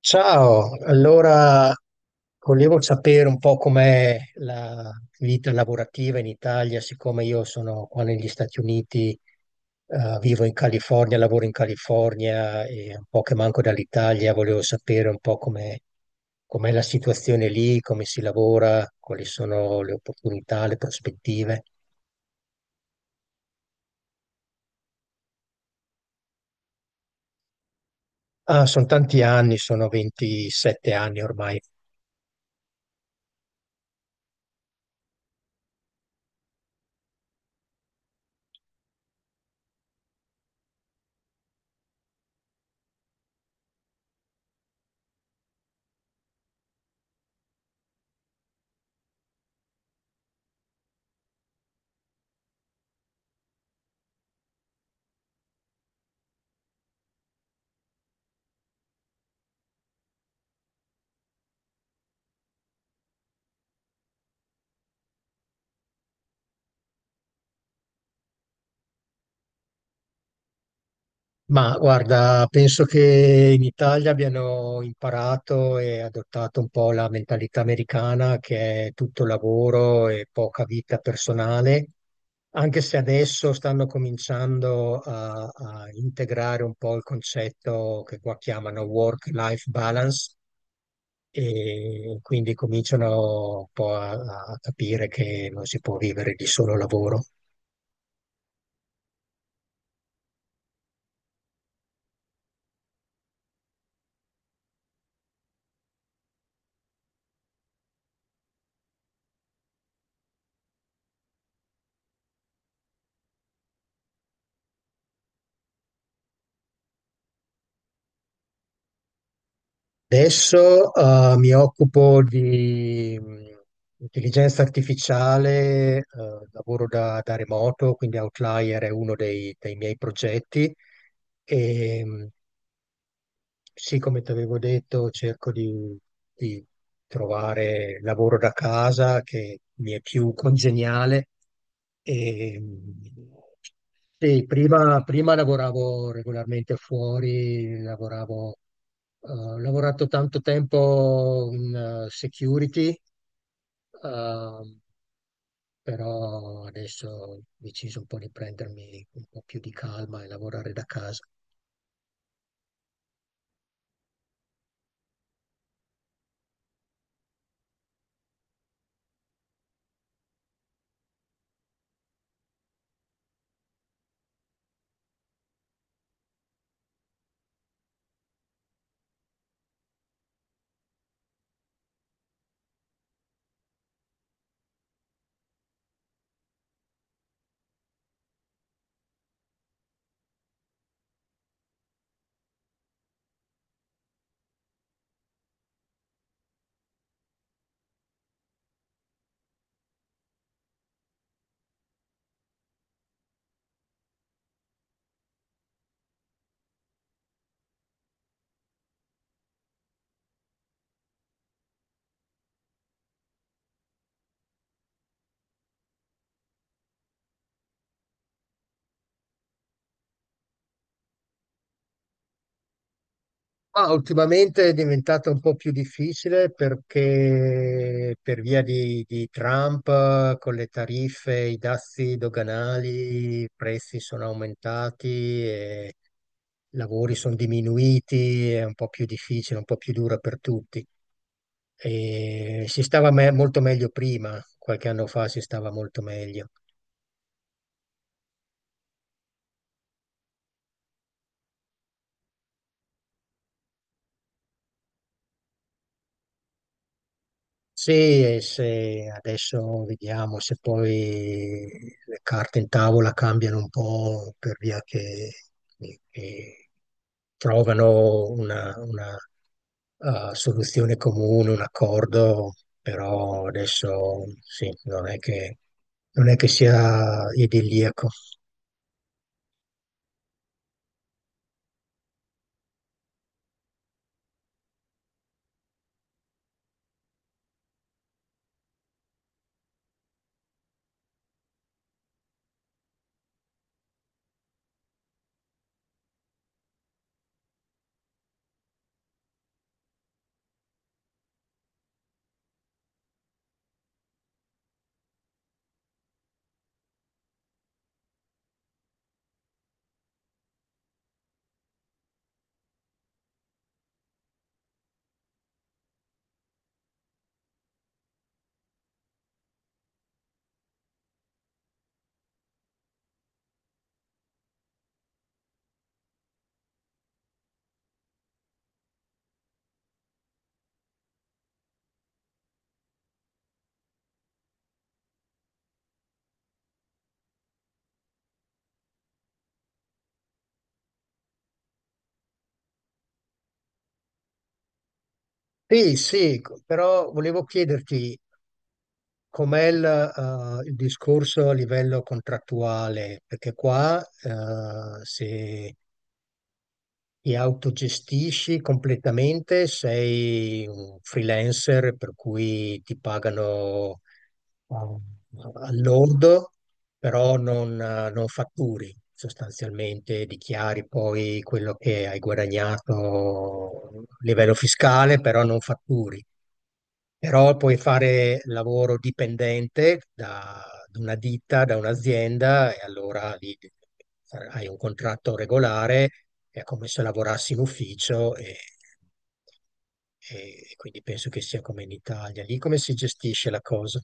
Ciao, allora volevo sapere un po' com'è la vita lavorativa in Italia, siccome io sono qua negli Stati Uniti, vivo in California, lavoro in California e un po' che manco dall'Italia, volevo sapere un po' com'è la situazione lì, come si lavora, quali sono le opportunità, le prospettive. Ah, sono tanti anni, sono 27 anni ormai. Ma guarda, penso che in Italia abbiano imparato e adottato un po' la mentalità americana che è tutto lavoro e poca vita personale, anche se adesso stanno cominciando a integrare un po' il concetto che qua chiamano work-life balance, e quindi cominciano un po' a capire che non si può vivere di solo lavoro. Adesso mi occupo di intelligenza artificiale, lavoro da remoto, quindi Outlier è uno dei miei progetti e sì, come ti avevo detto, cerco di trovare lavoro da casa che mi è più congeniale. E, mh, sì, prima lavoravo regolarmente fuori, lavoravo ho lavorato tanto tempo in security, eh, però adesso ho deciso un po' di prendermi un po' più di calma e lavorare da casa. Ma ultimamente è diventato un po' più difficile perché per via di Trump, con le tariffe, i dazi doganali, i prezzi sono aumentati e i lavori sono diminuiti, è un po' più difficile, un po' più dura per tutti. E si stava molto meglio prima, qualche anno fa si stava molto meglio. Sì, e se adesso vediamo se poi le carte in tavola cambiano un po' per via che trovano una soluzione comune, un accordo, però adesso sì, non è che sia idilliaco. Sì, sì, però volevo chiederti, com'è il discorso a livello contrattuale? Perché qua, se ti autogestisci completamente, sei un freelancer, per cui ti pagano eh, al lordo, però non fatturi sostanzialmente, dichiari poi quello che hai guadagnato a livello fiscale, però non fatturi. Però puoi fare lavoro dipendente da una ditta, da un'azienda, e allora lì hai un contratto regolare, è come se lavorassi in ufficio e quindi penso che sia come in Italia. Lì come si gestisce la cosa?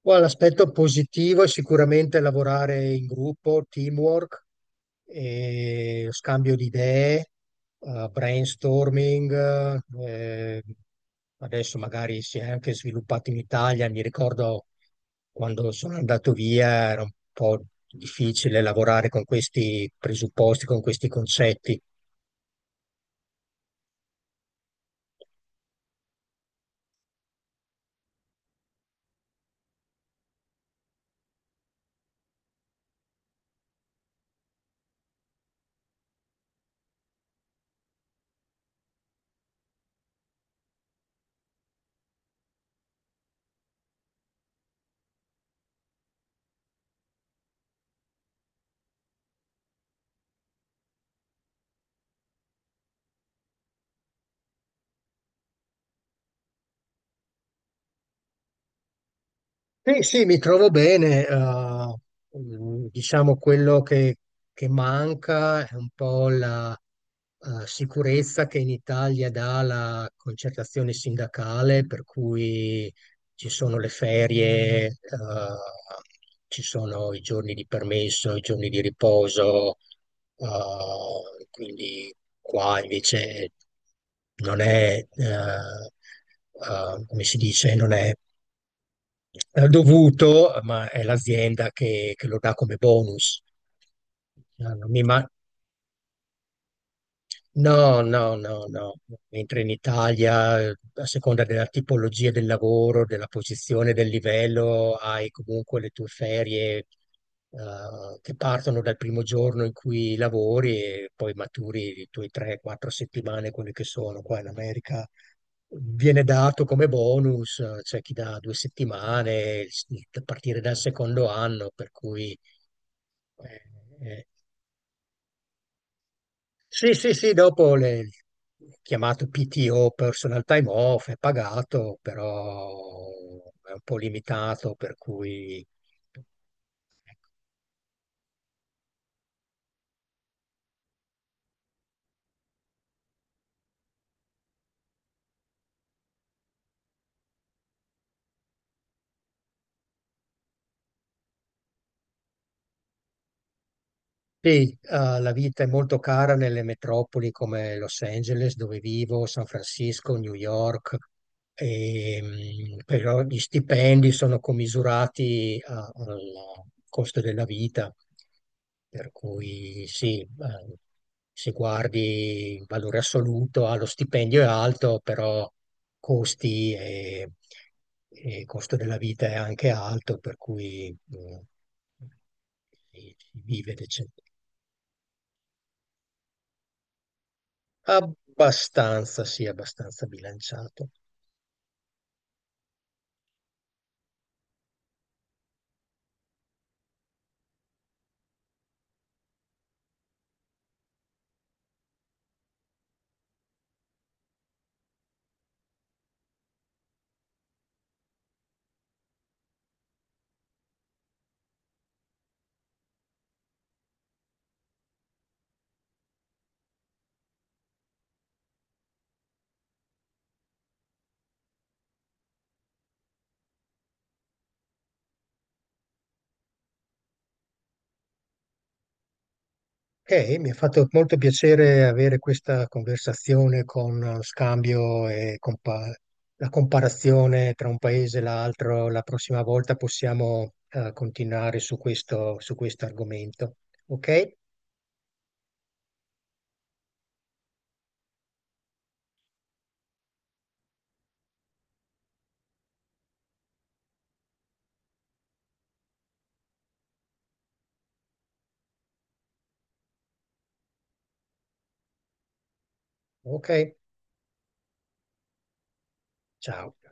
Poi l'aspetto positivo è sicuramente lavorare in gruppo, teamwork, e scambio di idee, brainstorming, eh, adesso magari si è anche sviluppato in Italia. Mi ricordo quando sono andato via era un po' difficile lavorare con questi presupposti, con questi concetti. Sì, sì, mi trovo bene. Diciamo quello che manca è un po' la sicurezza che in Italia dà la concertazione sindacale, per cui ci sono le ferie, ci sono i giorni di permesso, i giorni di riposo, quindi qua invece non è, come si dice, non è dovuto, ma è l'azienda che lo dà come bonus. Non mi, ma- No, no, no, no. Mentre in Italia, a seconda della tipologia del lavoro, della posizione, del livello, hai comunque le tue ferie, che partono dal primo giorno in cui lavori e poi maturi le tue 3-4 settimane, quelle che sono. Qua in America viene dato come bonus, c'è chi dà due settimane, a partire dal secondo anno, per cui... eh, eh, Sì, sì, sì, dopo le chiamato PTO, personal time off, è pagato, però è un po' limitato, per cui sì, la vita è molto cara nelle metropoli come Los Angeles, dove vivo, San Francisco, New York, e, però gli stipendi sono commisurati al costo della vita, per cui sì, se guardi in valore assoluto, ah, lo stipendio è alto, però costi e costo della vita è anche alto, per cui si si vive decente. Abbastanza, sì, abbastanza bilanciato. Ok, mi ha fatto molto piacere avere questa conversazione con scambio e la comparazione tra un paese e l'altro. La prossima volta possiamo continuare su questo argomento. Ok? Ok, ciao.